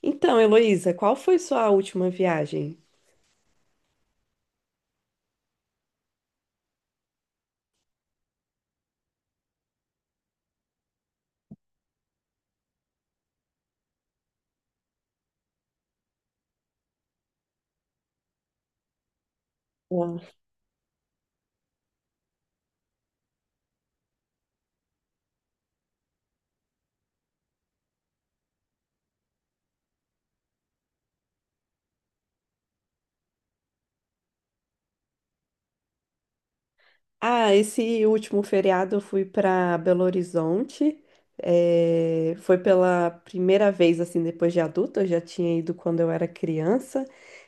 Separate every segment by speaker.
Speaker 1: Então, Heloísa, qual foi sua última viagem? Ah, esse último feriado eu fui para Belo Horizonte. Foi pela primeira vez, assim, depois de adulta. Eu já tinha ido quando eu era criança.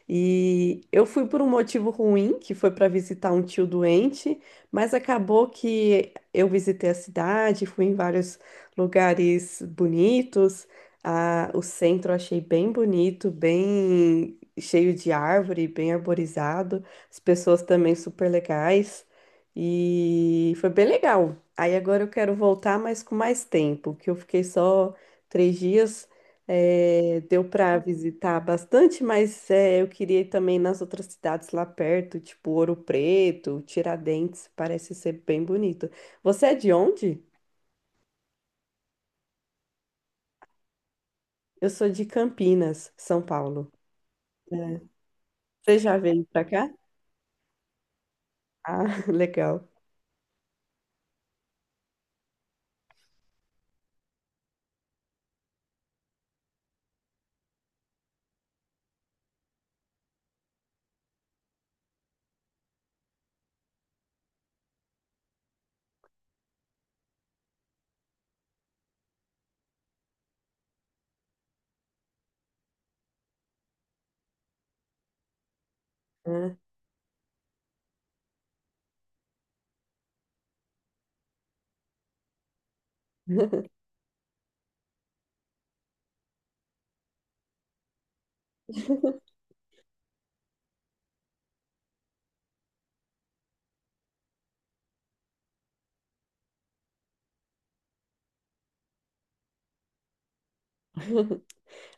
Speaker 1: E eu fui por um motivo ruim, que foi para visitar um tio doente, mas acabou que eu visitei a cidade, fui em vários lugares bonitos. Ah, o centro eu achei bem bonito, bem cheio de árvore, bem arborizado. As pessoas também super legais. E foi bem legal. Aí agora eu quero voltar, mas com mais tempo, que eu fiquei só 3 dias. Deu para visitar bastante, mas eu queria ir também nas outras cidades lá perto, tipo Ouro Preto, Tiradentes, parece ser bem bonito. Você é de onde? Eu sou de Campinas, São Paulo. É. Você já veio para cá? Ah, legal. É.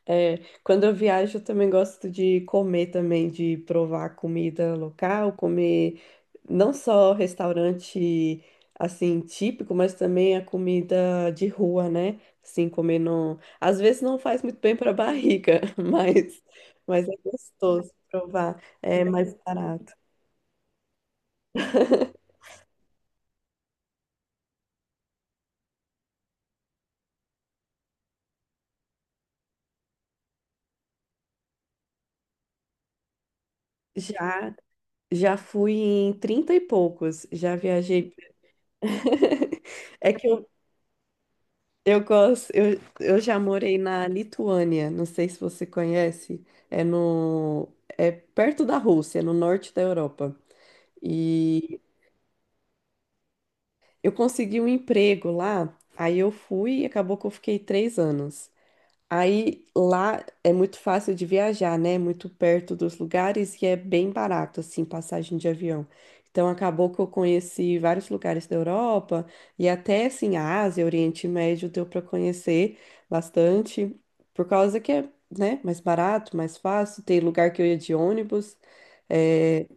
Speaker 1: É, quando eu viajo, eu também gosto de comer também, de provar comida local, comer não só restaurante assim típico, mas também a comida de rua, né? Assim, comer não, às vezes não faz muito bem para a barriga, mas é gostoso provar, é mais barato. Já já fui em 30 e poucos, já viajei. É que eu gosto, eu já morei na Lituânia, não sei se você conhece, é no, é perto da Rússia, no norte da Europa. E eu consegui um emprego lá, aí eu fui e acabou que eu fiquei 3 anos. Aí lá é muito fácil de viajar, né? Muito perto dos lugares e é bem barato, assim, passagem de avião. Então acabou que eu conheci vários lugares da Europa e até assim a Ásia, Oriente Médio deu para conhecer bastante, por causa que é, né, mais barato, mais fácil. Tem lugar que eu ia de ônibus. eh,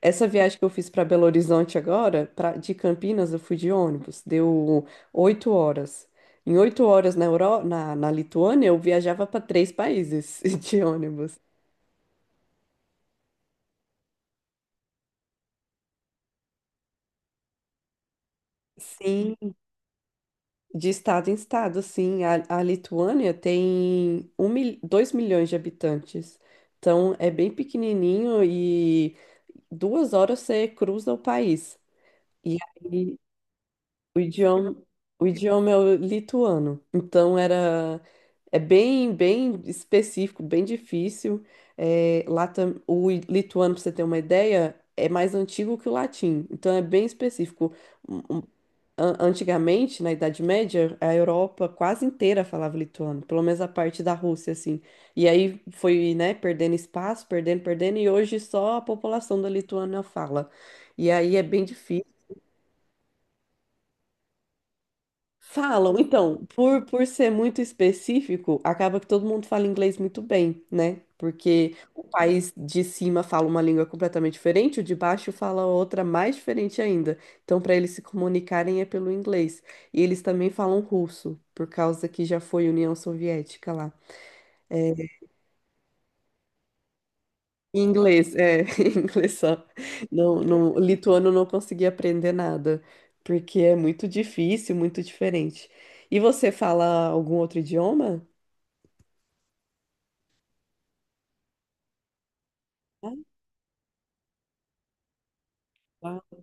Speaker 1: Essa viagem que eu fiz para Belo Horizonte agora, de Campinas, eu fui de ônibus, deu 8 horas. Em 8 horas na Lituânia, eu viajava para 3 países de ônibus. Sim, de estado em estado, sim. A Lituânia tem 2 milhões de habitantes. Então é bem pequenininho e 2 horas você cruza o país. E aí O idioma, o idioma é o lituano. Então era é bem específico, bem difícil. É, lá o lituano, para você ter uma ideia, é mais antigo que o latim. Então é bem específico. Um- um- Antigamente, na Idade Média, a Europa quase inteira falava lituano, pelo menos a parte da Rússia, assim. E aí foi, né, perdendo espaço, perdendo, perdendo, e hoje só a população da Lituânia fala. E aí é bem difícil. Falam, então, por ser muito específico, acaba que todo mundo fala inglês muito bem, né? Porque o país de cima fala uma língua completamente diferente, o de baixo fala outra mais diferente ainda. Então, para eles se comunicarem é pelo inglês. E eles também falam russo, por causa que já foi União Soviética lá. É, inglês, é, inglês só. Não, não, o lituano não conseguia aprender nada, porque é muito difícil, muito diferente. E você fala algum outro idioma? Ah, uau.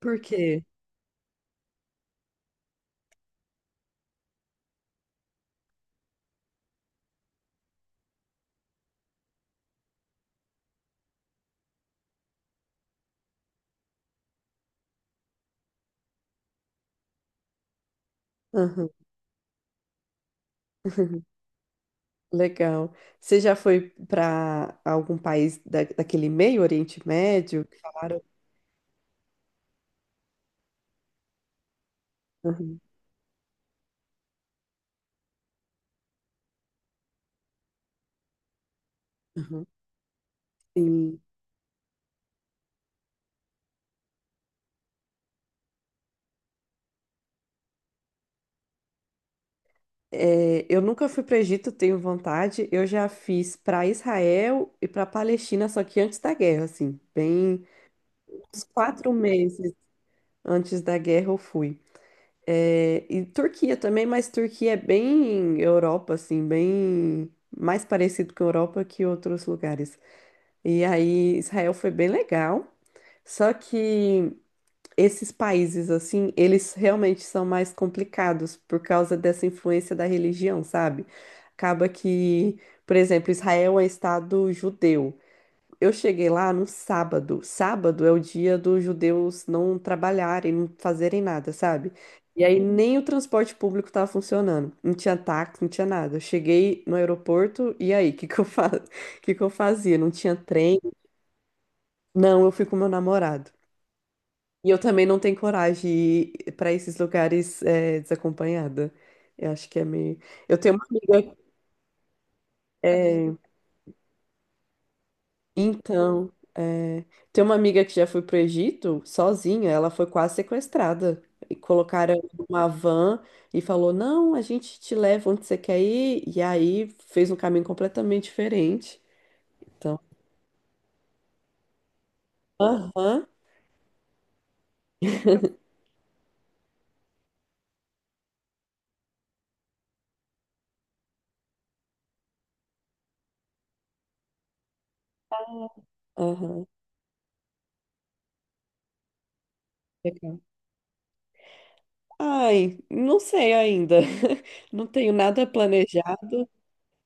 Speaker 1: Por quê? Aham. Legal. Você já foi para algum país da, daquele meio Oriente Médio? Que falaram. Aham, aham. Sim. É, eu nunca fui para Egito, tenho vontade. Eu já fiz para Israel e para Palestina, só que antes da guerra, assim, bem uns 4 meses antes da guerra eu fui. É, e Turquia também, mas Turquia é bem Europa, assim, bem mais parecido com a Europa que outros lugares. E aí Israel foi bem legal. Só que esses países, assim, eles realmente são mais complicados por causa dessa influência da religião, sabe? Acaba que, por exemplo, Israel é estado judeu. Eu cheguei lá no sábado. Sábado é o dia dos judeus não trabalharem, não fazerem nada, sabe? E aí nem o transporte público estava funcionando. Não tinha táxi, não tinha nada. Eu cheguei no aeroporto e aí, o que que eu fa... que eu fazia? Não tinha trem. Não, eu fui com meu namorado. E eu também não tenho coragem de ir para esses lugares desacompanhada. Eu acho que é meio. Eu tenho uma amiga. é, Então, é, tem uma amiga que já foi para o Egito sozinha. Ela foi quase sequestrada. E colocaram ela numa van e falou: Não, a gente te leva onde você quer ir. E aí fez um caminho completamente diferente. Então, aham, aham. Legal. Ai, não sei ainda. Não tenho nada planejado.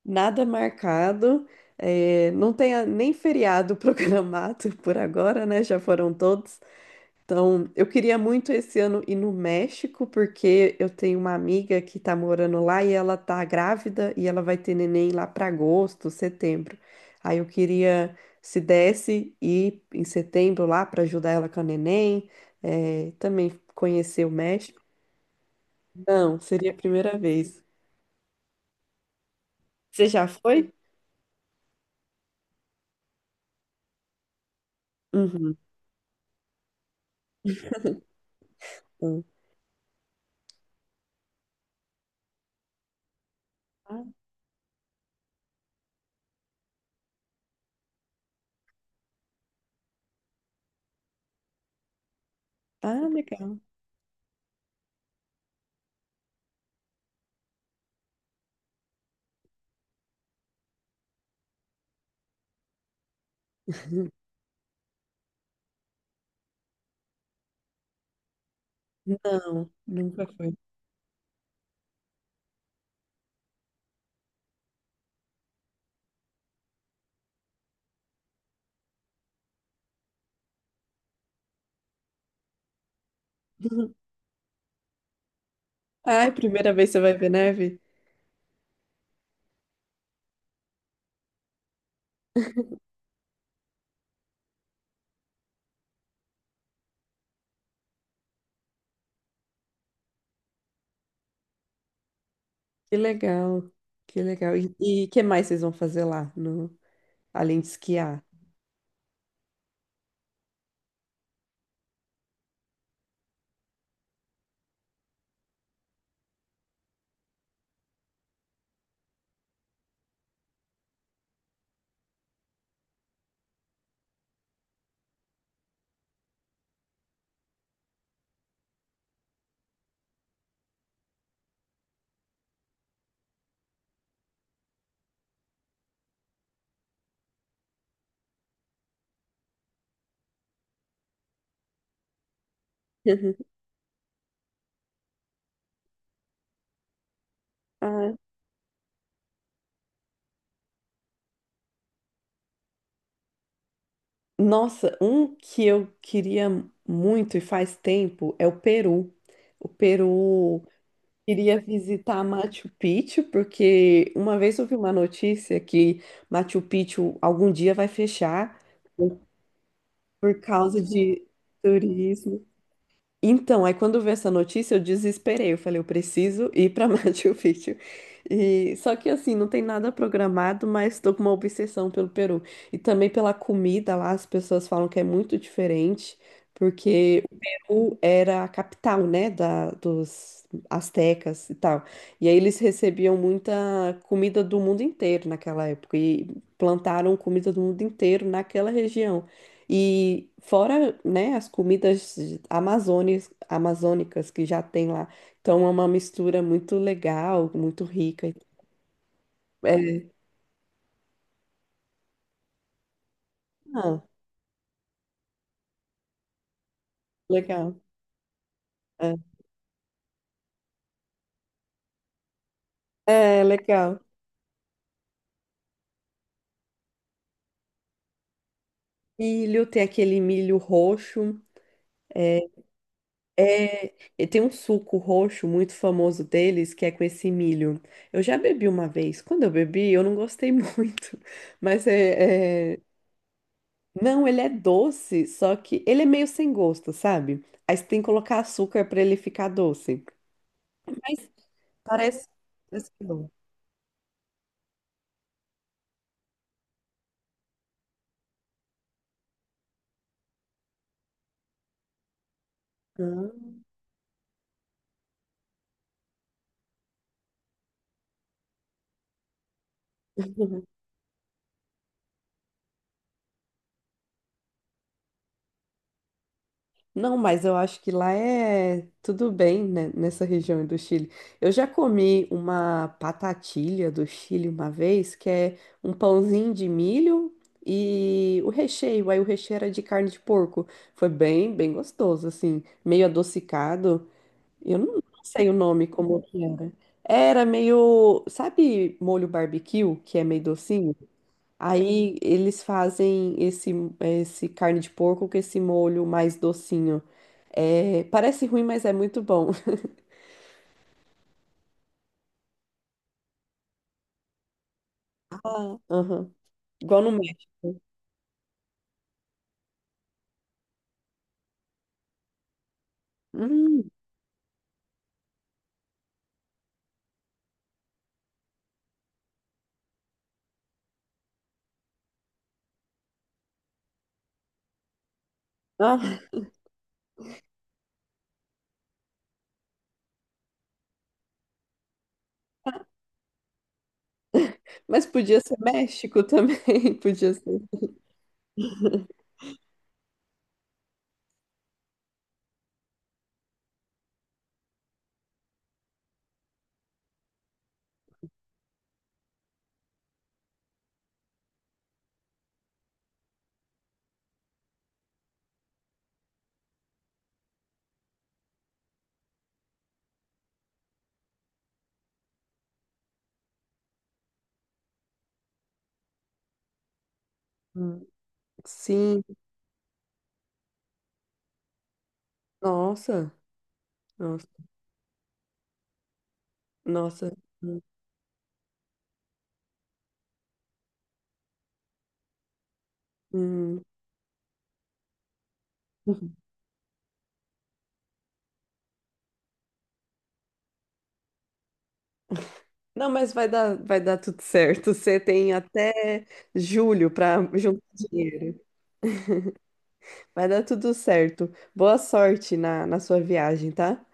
Speaker 1: Nada marcado, não tem nem feriado programado por agora, né? Já foram todos. Então, eu queria muito esse ano ir no México, porque eu tenho uma amiga que tá morando lá e ela tá grávida e ela vai ter neném lá para agosto, setembro. Aí eu queria, se desse, ir em setembro lá para ajudar ela com a neném, também conhecer o México. Não, seria a primeira vez. Você já foi? Uhum. Ah, ah, legal. Não, nunca foi. Ai, primeira vez você vai ver neve? Que legal, que legal. E o que mais vocês vão fazer lá, no, além de esquiar? Ah, nossa, um que eu queria muito e faz tempo é o Peru. O Peru queria visitar Machu Picchu, porque uma vez eu vi uma notícia que Machu Picchu algum dia vai fechar por por causa de turismo. Então, aí quando eu vi essa notícia, eu desesperei. Eu falei, eu preciso ir para Machu Picchu. E só que assim, não tem nada programado, mas estou com uma obsessão pelo Peru. E também pela comida lá, as pessoas falam que é muito diferente, porque o Peru era a capital, né, dos astecas e tal. E aí eles recebiam muita comida do mundo inteiro naquela época e plantaram comida do mundo inteiro naquela região. E fora, né, as comidas amazônicas que já tem lá. Então é uma mistura muito legal, muito rica. É, ah, legal. É, é legal. Milho, tem aquele milho roxo. É, e tem um suco roxo muito famoso deles, que é com esse milho. Eu já bebi uma vez. Quando eu bebi, eu não gostei muito, mas é Não, ele é doce, só que ele é meio sem gosto, sabe? Aí você tem que colocar açúcar pra ele ficar doce. Mas parece, parece que não. Ah. Não, mas eu acho que lá é tudo bem, né, nessa região do Chile. Eu já comi uma patatilha do Chile uma vez, que é um pãozinho de milho e o recheio. Aí o recheio era de carne de porco. Foi bem, bem gostoso, assim, meio adocicado. Eu não sei o nome como que era. Era meio, sabe, molho barbecue, que é meio docinho? Aí eles fazem esse carne de porco com esse molho mais docinho. É, parece ruim, mas é muito bom. Ah, aham. Igual no México. Hum, ah, mas podia ser México também, podia ser. Hum. Sim, nossa, nossa, nossa. Hum. Não, mas vai dar tudo certo. Você tem até julho para juntar dinheiro. Vai dar tudo certo. Boa sorte na sua viagem, tá?